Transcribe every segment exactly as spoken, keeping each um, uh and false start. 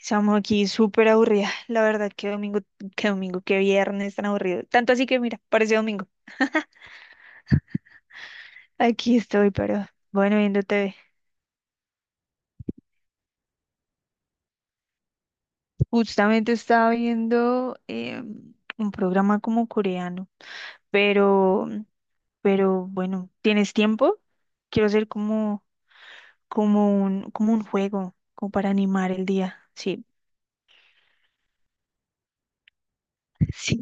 Estamos aquí súper aburrida. La verdad, qué domingo, qué domingo, qué viernes tan aburrido. Tanto así que mira, parece domingo. Aquí estoy, pero bueno, viendo T V. Justamente estaba viendo eh, un programa como coreano, pero, pero bueno, ¿tienes tiempo? Quiero hacer como, como un, como un juego, como para animar el día. Sí, sí.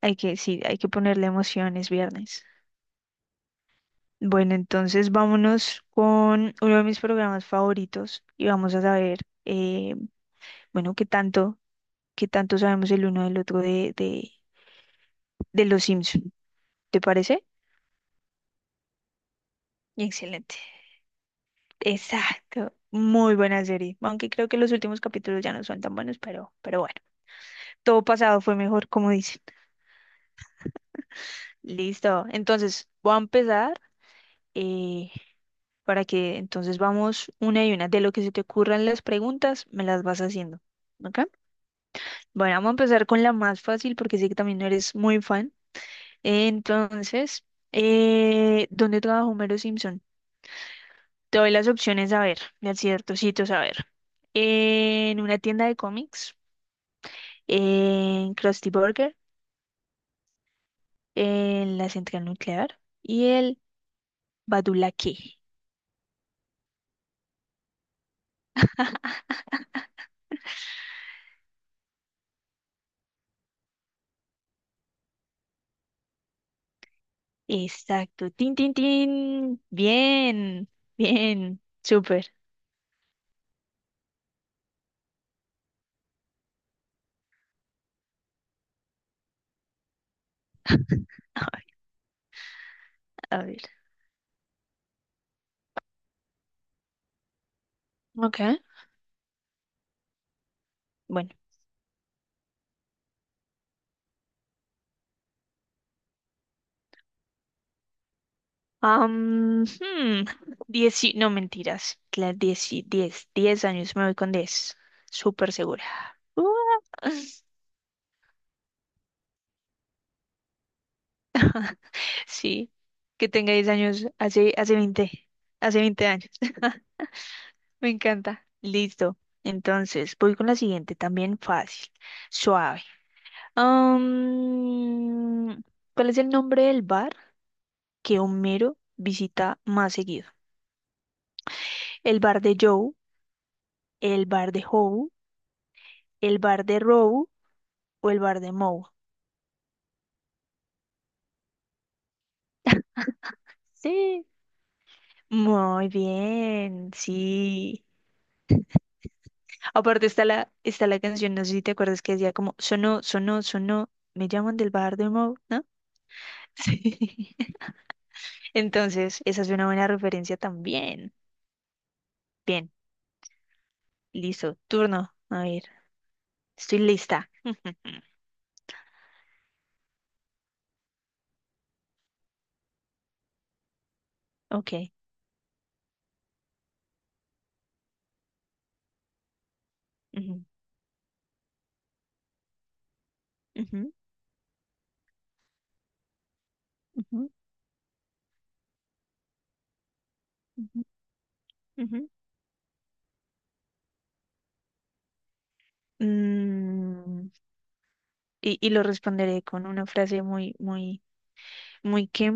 Hay que, sí, hay que ponerle emociones viernes. Bueno, entonces vámonos con uno de mis programas favoritos y vamos a saber, eh, bueno, qué tanto, qué tanto sabemos el uno del otro de, de, de Los Simpson. ¿Te parece? Excelente. Exacto. Muy buena serie. Aunque creo que los últimos capítulos ya no son tan buenos, pero, pero bueno. Todo pasado fue mejor, como dicen. Listo. Entonces, voy a empezar eh, para que entonces vamos una y una. De lo que se te ocurran las preguntas, me las vas haciendo. ¿Ok? Bueno, vamos a empezar con la más fácil porque sé que también no eres muy fan. Entonces, eh, ¿dónde trabaja Homero Simpson? Te doy las opciones a ver, de ciertos sitios a ver. En una tienda de cómics, en Krusty Burger, en la central nuclear y el Badulaque. Exacto. Tin, tin, tin. Bien, bien. Súper. A ver. Ok. Bueno. Am, hmm, dieci- no mentiras, la dieci- diez, diez años, me voy con diez, súper segura. Ua. Sí, que tenga diez años, hace, hace veinte, hace veinte años, me encanta. Listo, entonces voy con la siguiente, también fácil, suave. Am, ¿cuál es el nombre del bar que Homero visita más seguido? ¿El bar de Joe, el bar de Hobo, el bar de Row o el bar de Moe? Sí, muy bien, sí. Aparte está la, está la canción, no sé si te acuerdas que decía como sonó, sonó, sonó, me llaman del bar de Mo, ¿no? Sí. Entonces, esa es una buena referencia también. Bien, listo, turno. A ver, estoy lista. Ok. Ujú, ujú, ujú, ujú, ujú. Mm, y, y lo responderé con una frase muy, muy, muy que,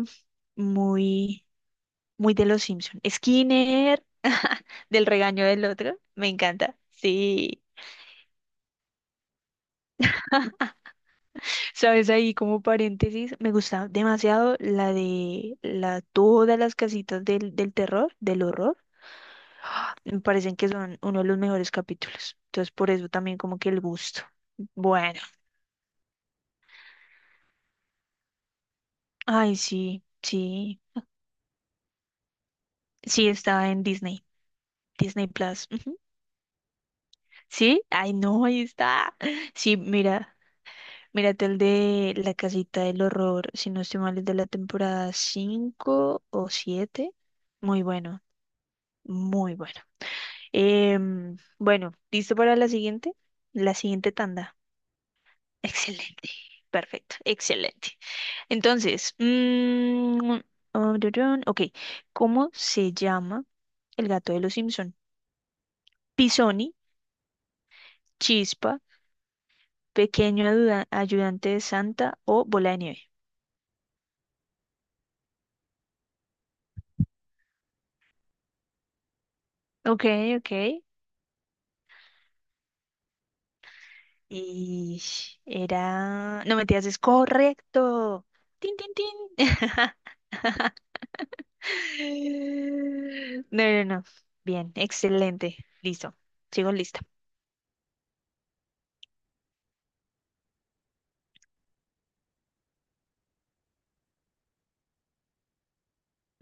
muy, muy de los Simpson. Skinner. Del regaño del otro. Me encanta. Sí. ¿Sabes? Ahí como paréntesis, me gusta demasiado la de la, todas las casitas del, del terror, del horror. ¡Ah! Me parecen que son uno de los mejores capítulos. Entonces, por eso también como que el gusto. Bueno. Ay, sí, sí. Sí, está en Disney. Disney Plus. Ujú. Sí, ay, no, ahí está. Sí, mira. Mírate el de La Casita del Horror, si no estoy mal, es de la temporada cinco o siete. Muy bueno, muy bueno. Em, bueno, ¿listo para la siguiente? La siguiente tanda. Excelente, perfecto, excelente. Entonces, mm, oh, durun, ok, ¿cómo se llama el gato de los Simpson? Pisoni, Chispa, Pequeño ayuda- Ayudante de Santa o Bola de Nieve. Ok, ok. Y era... No, mentiras, es correcto. Tin, tin, tin. No, no, no. Bien, excelente. Listo. Sigo lista.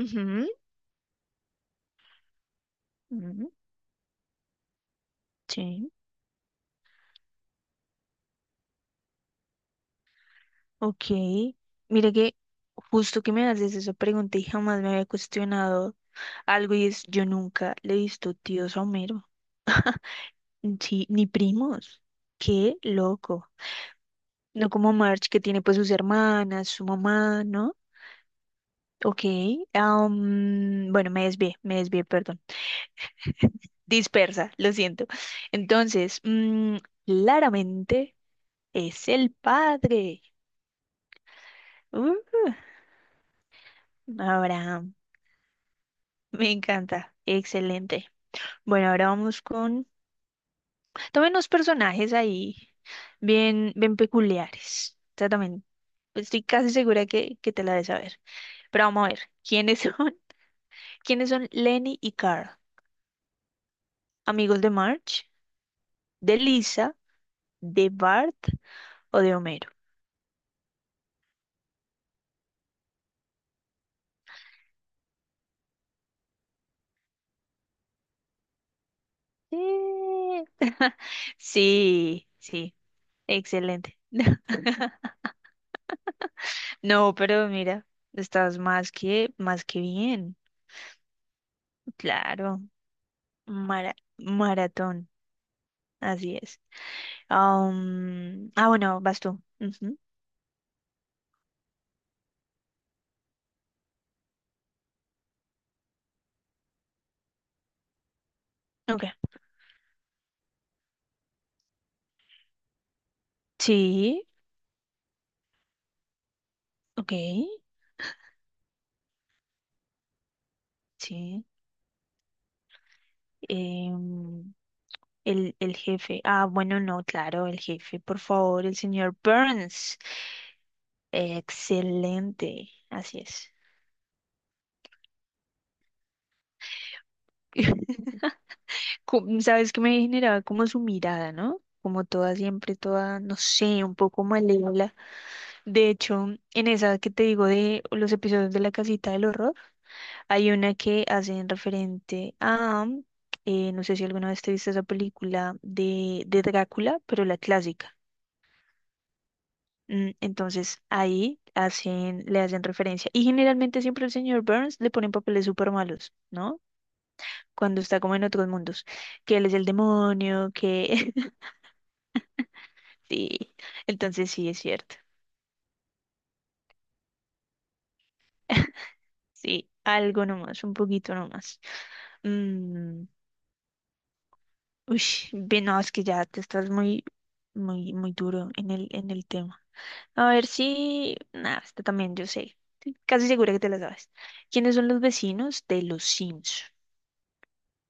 Ujú, ujú. Sí. Ok. Mire que justo que me haces esa pregunta y jamás me había cuestionado algo y es, yo nunca le he visto tíos a Homero. Sí, ni primos. Qué loco. No como Marge que tiene pues sus hermanas, su mamá, ¿no? Ok, am, bueno, me desvié, me desvié, perdón. Dispersa, lo siento. Entonces, mm, claramente es el padre. Uh, Abraham, me encanta, excelente. Bueno, ahora vamos con... También unos personajes ahí bien, bien peculiares. O sea, también estoy casi segura que, que te la debes saber. Pero vamos a ver, ¿quiénes son? ¿Quiénes son Lenny y Carl? ¿Amigos de Marge? ¿De Lisa? ¿De Bart o de Homero? Sí, sí, sí, excelente. No, pero mira, estás más que, más que bien, claro, mara- maratón, así es. Am, ah, bueno, vas tú. Ujú. Ok, sí, ok, sí. em, el, el jefe, ah, bueno, no, claro, el jefe, por favor, el señor Burns. Excelente, así es. co- sabes que me generaba como su mirada, ¿no? Como toda siempre, toda, no sé, un poco malévola. De hecho, en esa que te digo de los episodios de La Casita del Horror, hay una que hacen referente a, eh, no sé si alguna vez te viste esa película de, de Drácula, pero la clásica. Mm, Entonces ahí hacen, le hacen referencia. Y generalmente siempre el señor Burns le ponen papeles súper malos, ¿no? Cuando está como en otros mundos, que él es el demonio, que sí, entonces sí es cierto. Sí, algo nomás, un poquito nomás. Mm, uy, bien, no, es que ya te estás muy, muy, muy duro en el, en el tema. A ver si, nada, esta también yo sé. Estoy casi segura que te la sabes. ¿Quiénes son los vecinos de los Sims?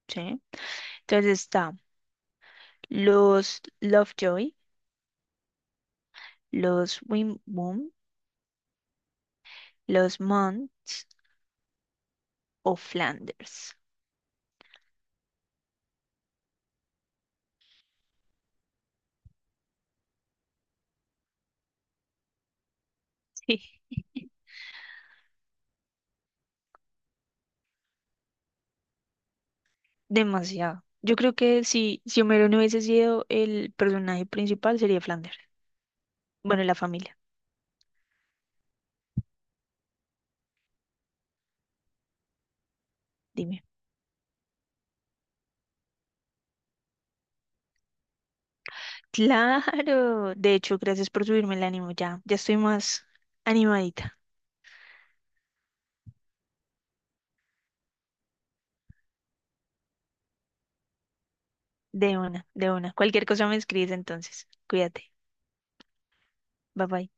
¿Sí? Entonces está los Lovejoy, los Wimboom, los Monts o Flanders. Demasiado. Yo creo que si, si Homero no hubiese sido el personaje principal, sería Flanders. Bueno, la familia, dime. Claro. De hecho, gracias por subirme el ánimo. Ya, ya estoy más animadita. De una, de una. Cualquier cosa me escribes entonces. Cuídate. Bye bye.